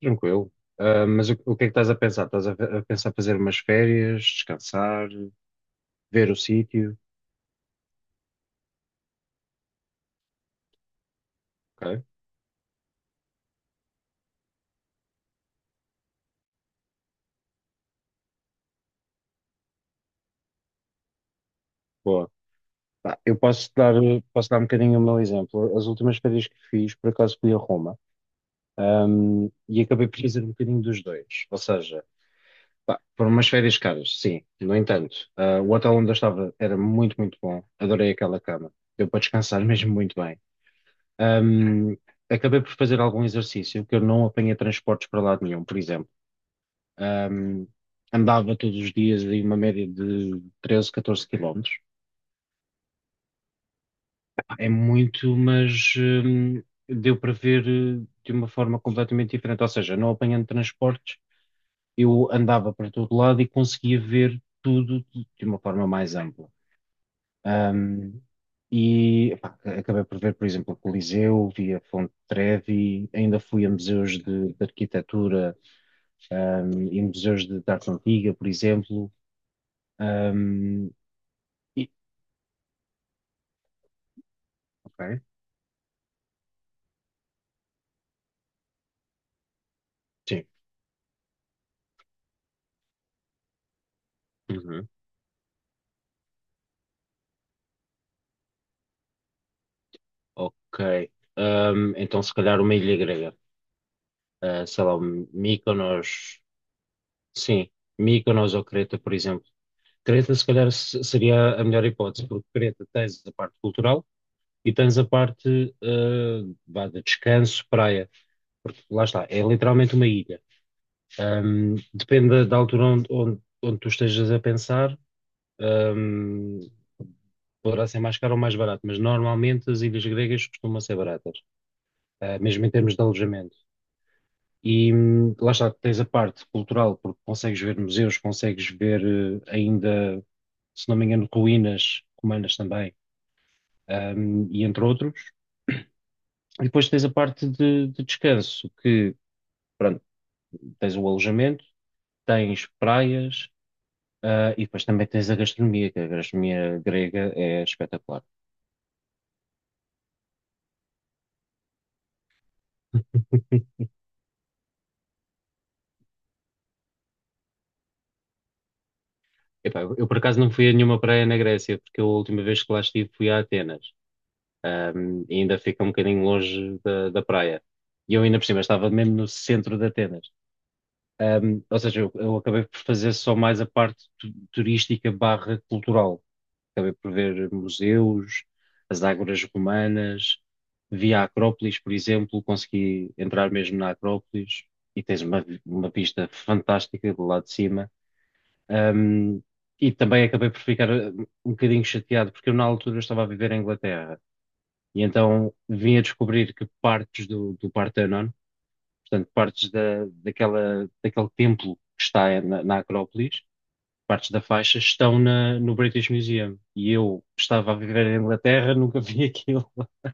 Tranquilo. Ah, mas o que é que estás a pensar? Estás a pensar fazer umas férias, descansar, ver o sítio? Ok, boa. Pá, posso dar um bocadinho o meu exemplo. As últimas férias que fiz, por acaso fui a Roma, e acabei por fazer um bocadinho dos dois. Ou seja, pá, foram umas férias caras, sim. No entanto, o hotel onde eu estava era muito, muito bom. Adorei aquela cama. Deu para descansar mesmo muito bem. Ahm, acabei por fazer algum exercício, que eu não apanhei transportes para lado nenhum, por exemplo. Um, andava todos os dias em uma média de 13, 14 km. É muito, mas deu para ver de uma forma completamente diferente. Ou seja, não apanhando transportes, eu andava para todo lado e conseguia ver tudo de uma forma mais ampla. Um, e pá, acabei por ver, por exemplo, o Coliseu, vi a Fonte Trevi, ainda fui a museus de arquitetura, e museus de arte antiga, por exemplo. Um, e, Ok. Sim. Uhum. Ok. Então, se calhar uma ilha grega. Ah, sei lá, Mykonos. Sim, Mykonos ou Creta, por exemplo. Creta, se calhar, seria a melhor hipótese, porque Creta tens a parte cultural e tens a parte vá, de descanso, praia. Porque lá está, é literalmente uma ilha. Depende da altura onde tu estejas a pensar. Ahm, poderá ser mais caro ou mais barato, mas normalmente as ilhas gregas costumam ser baratas. Eh, mesmo em termos de alojamento. E lá está, tens a parte cultural, porque consegues ver museus, consegues ver eh, ainda, se não me engano, ruínas romanas também, e entre outros. E depois tens a parte de descanso, que, pronto, tens o alojamento, tens praias, e depois também tens a gastronomia, que a gastronomia grega é espetacular. Epá, eu por acaso não fui a nenhuma praia na Grécia, porque eu, a última vez que lá estive fui a Atenas. E ainda fica um bocadinho longe da praia. E eu ainda por cima estava mesmo no centro de Atenas. Um, ou seja, eu acabei por fazer só mais a parte turística barra cultural. Acabei por ver museus, as ágoras romanas, vi a Acrópolis, por exemplo, consegui entrar mesmo na Acrópolis e tens uma, uma vista fantástica do lado de cima. Um, e também acabei por ficar um bocadinho chateado, porque eu na altura estava a viver em Inglaterra e então vim a descobrir que partes do Partenon, portanto, partes daquele templo que está na Acrópolis, partes da faixa, estão no British Museum. E eu estava a viver em Inglaterra, nunca vi aquilo.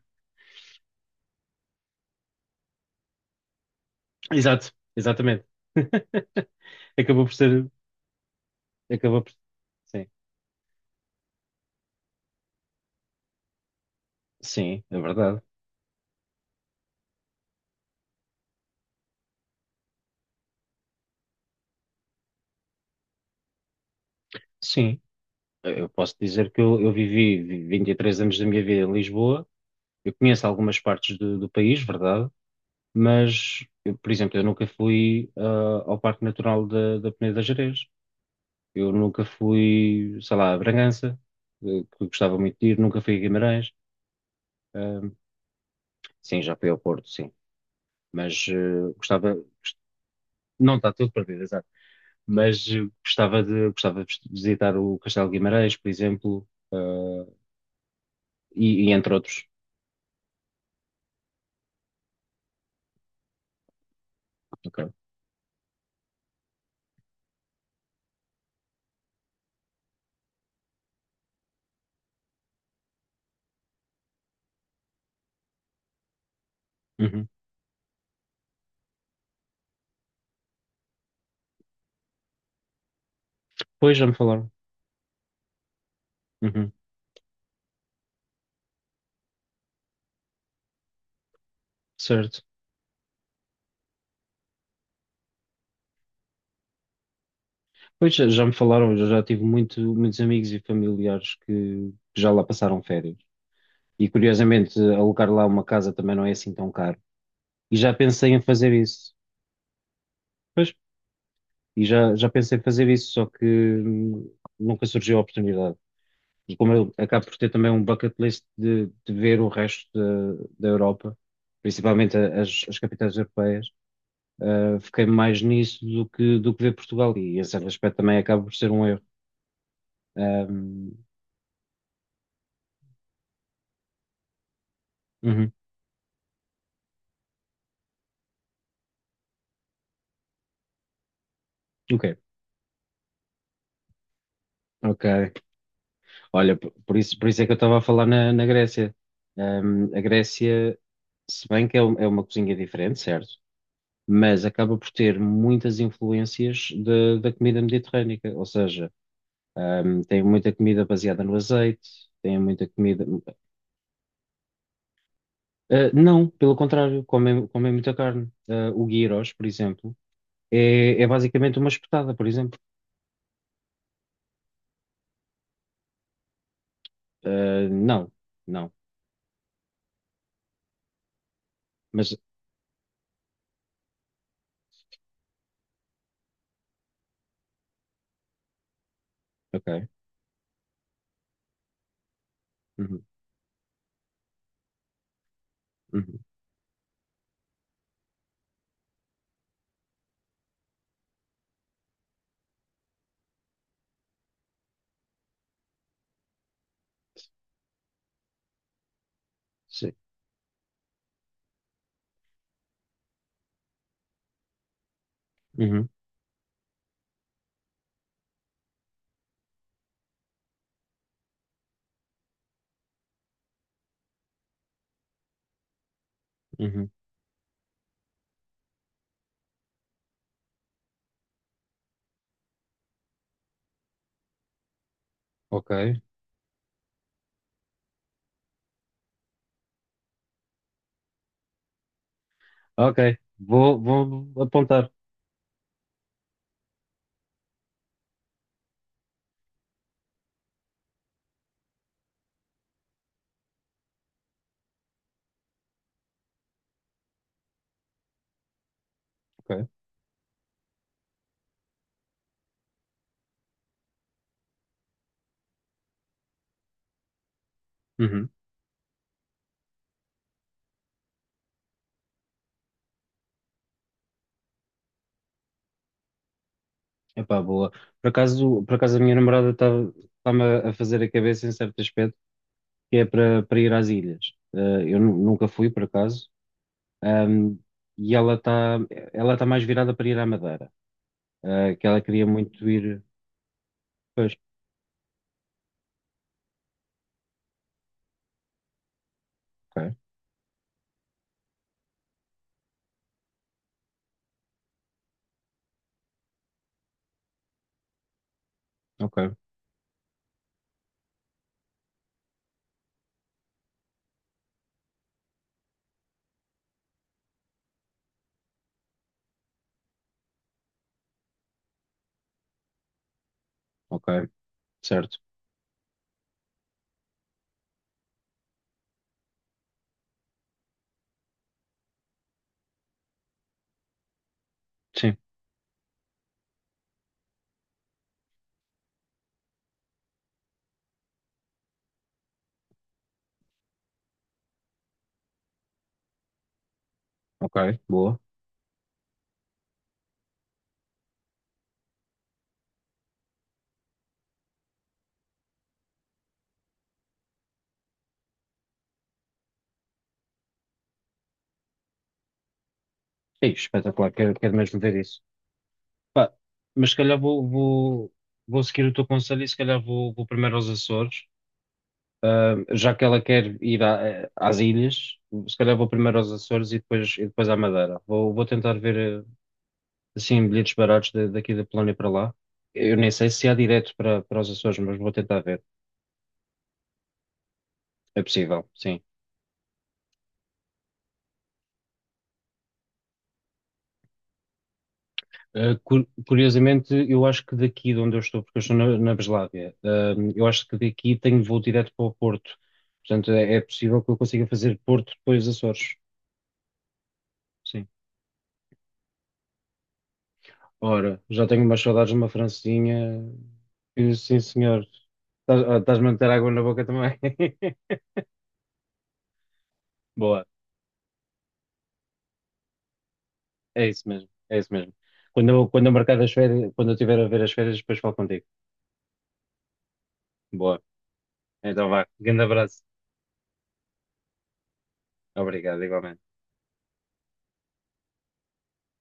Exato, exatamente. Acabou por ser. Acabou por... Sim, sim, é verdade. Sim, eu posso dizer que eu vivi 23 anos da minha vida em Lisboa. Eu conheço algumas partes do país, verdade, mas, eu, por exemplo, eu nunca fui ao Parque Natural da Peneda da Gerês. Eu nunca fui, sei lá, a Bragança, eh, que gostava muito de ir. Nunca fui a Guimarães. Ah, sim, já fui ao Porto, sim. Mas gostava, não está tudo perdido, exato. Mas gostava gostava de visitar o Castelo de Guimarães, por exemplo, e entre outros. Ok. Uhum. Pois já me falaram. Uhum. Certo. Pois já, já me falaram, eu já tive muito, muitos amigos e familiares que já lá passaram férias. E curiosamente, alugar lá uma casa também não é assim tão caro. E já pensei em fazer isso. Pois, e já, já pensei em fazer isso, só que nunca surgiu a oportunidade. E como eu acabo por ter também um bucket list de ver o resto da Europa, principalmente as capitais europeias, fiquei mais nisso do que ver Portugal. E esse aspecto também acaba por ser um erro. Ah, hum, uhum, ok. Ok. Olha, por isso é que eu estava a falar na Grécia. A Grécia, se bem que é, é uma cozinha diferente, certo? Mas acaba por ter muitas influências da comida mediterrânica. Ou seja, tem muita comida baseada no azeite, tem muita comida. Ah, não, pelo contrário, comem muita carne. Ah, o gyros, por exemplo, é basicamente uma espetada, por exemplo. Ah, não, não. Mas, ok. Uhum, uhum, sim. Uhum, uhum, ok. Ok, vou apontar. Ok. Uhum. Epá, boa. Por acaso a minha namorada está-me a fazer a cabeça em certo aspecto, que é para ir às ilhas. Eh, eu nunca fui, por acaso, Ahm, e ela está ela tá mais virada para ir à Madeira, que ela queria muito ir. Pois, ok, ok, ok, certo. Sim, ok, boa. Ei, espetacular, quero, quero mesmo ver isso. Pá, mas se calhar vou seguir o teu conselho e se calhar vou primeiro aos Açores. Já que ela quer ir às ilhas, se calhar vou primeiro aos Açores e depois à Madeira. Vou tentar ver assim bilhetes baratos daqui da Polónia para lá. Eu nem sei se há direto para os Açores, mas vou tentar ver. É possível, sim. Eh, curiosamente, eu acho que daqui de onde eu estou, porque eu estou na Breslávia, eu acho que daqui tenho voo direto para o Porto. Portanto, é possível que eu consiga fazer Porto depois Açores. Sim. Ora, já tenho umas saudades de uma francesinha. E, sim, senhor. Estás-me a meter água na boca também. Boa, é isso mesmo, é isso mesmo. Quando eu marcar as férias, quando eu estiver a ver as férias, depois falo contigo. Boa, então vá. Grande abraço. Obrigado, igualmente.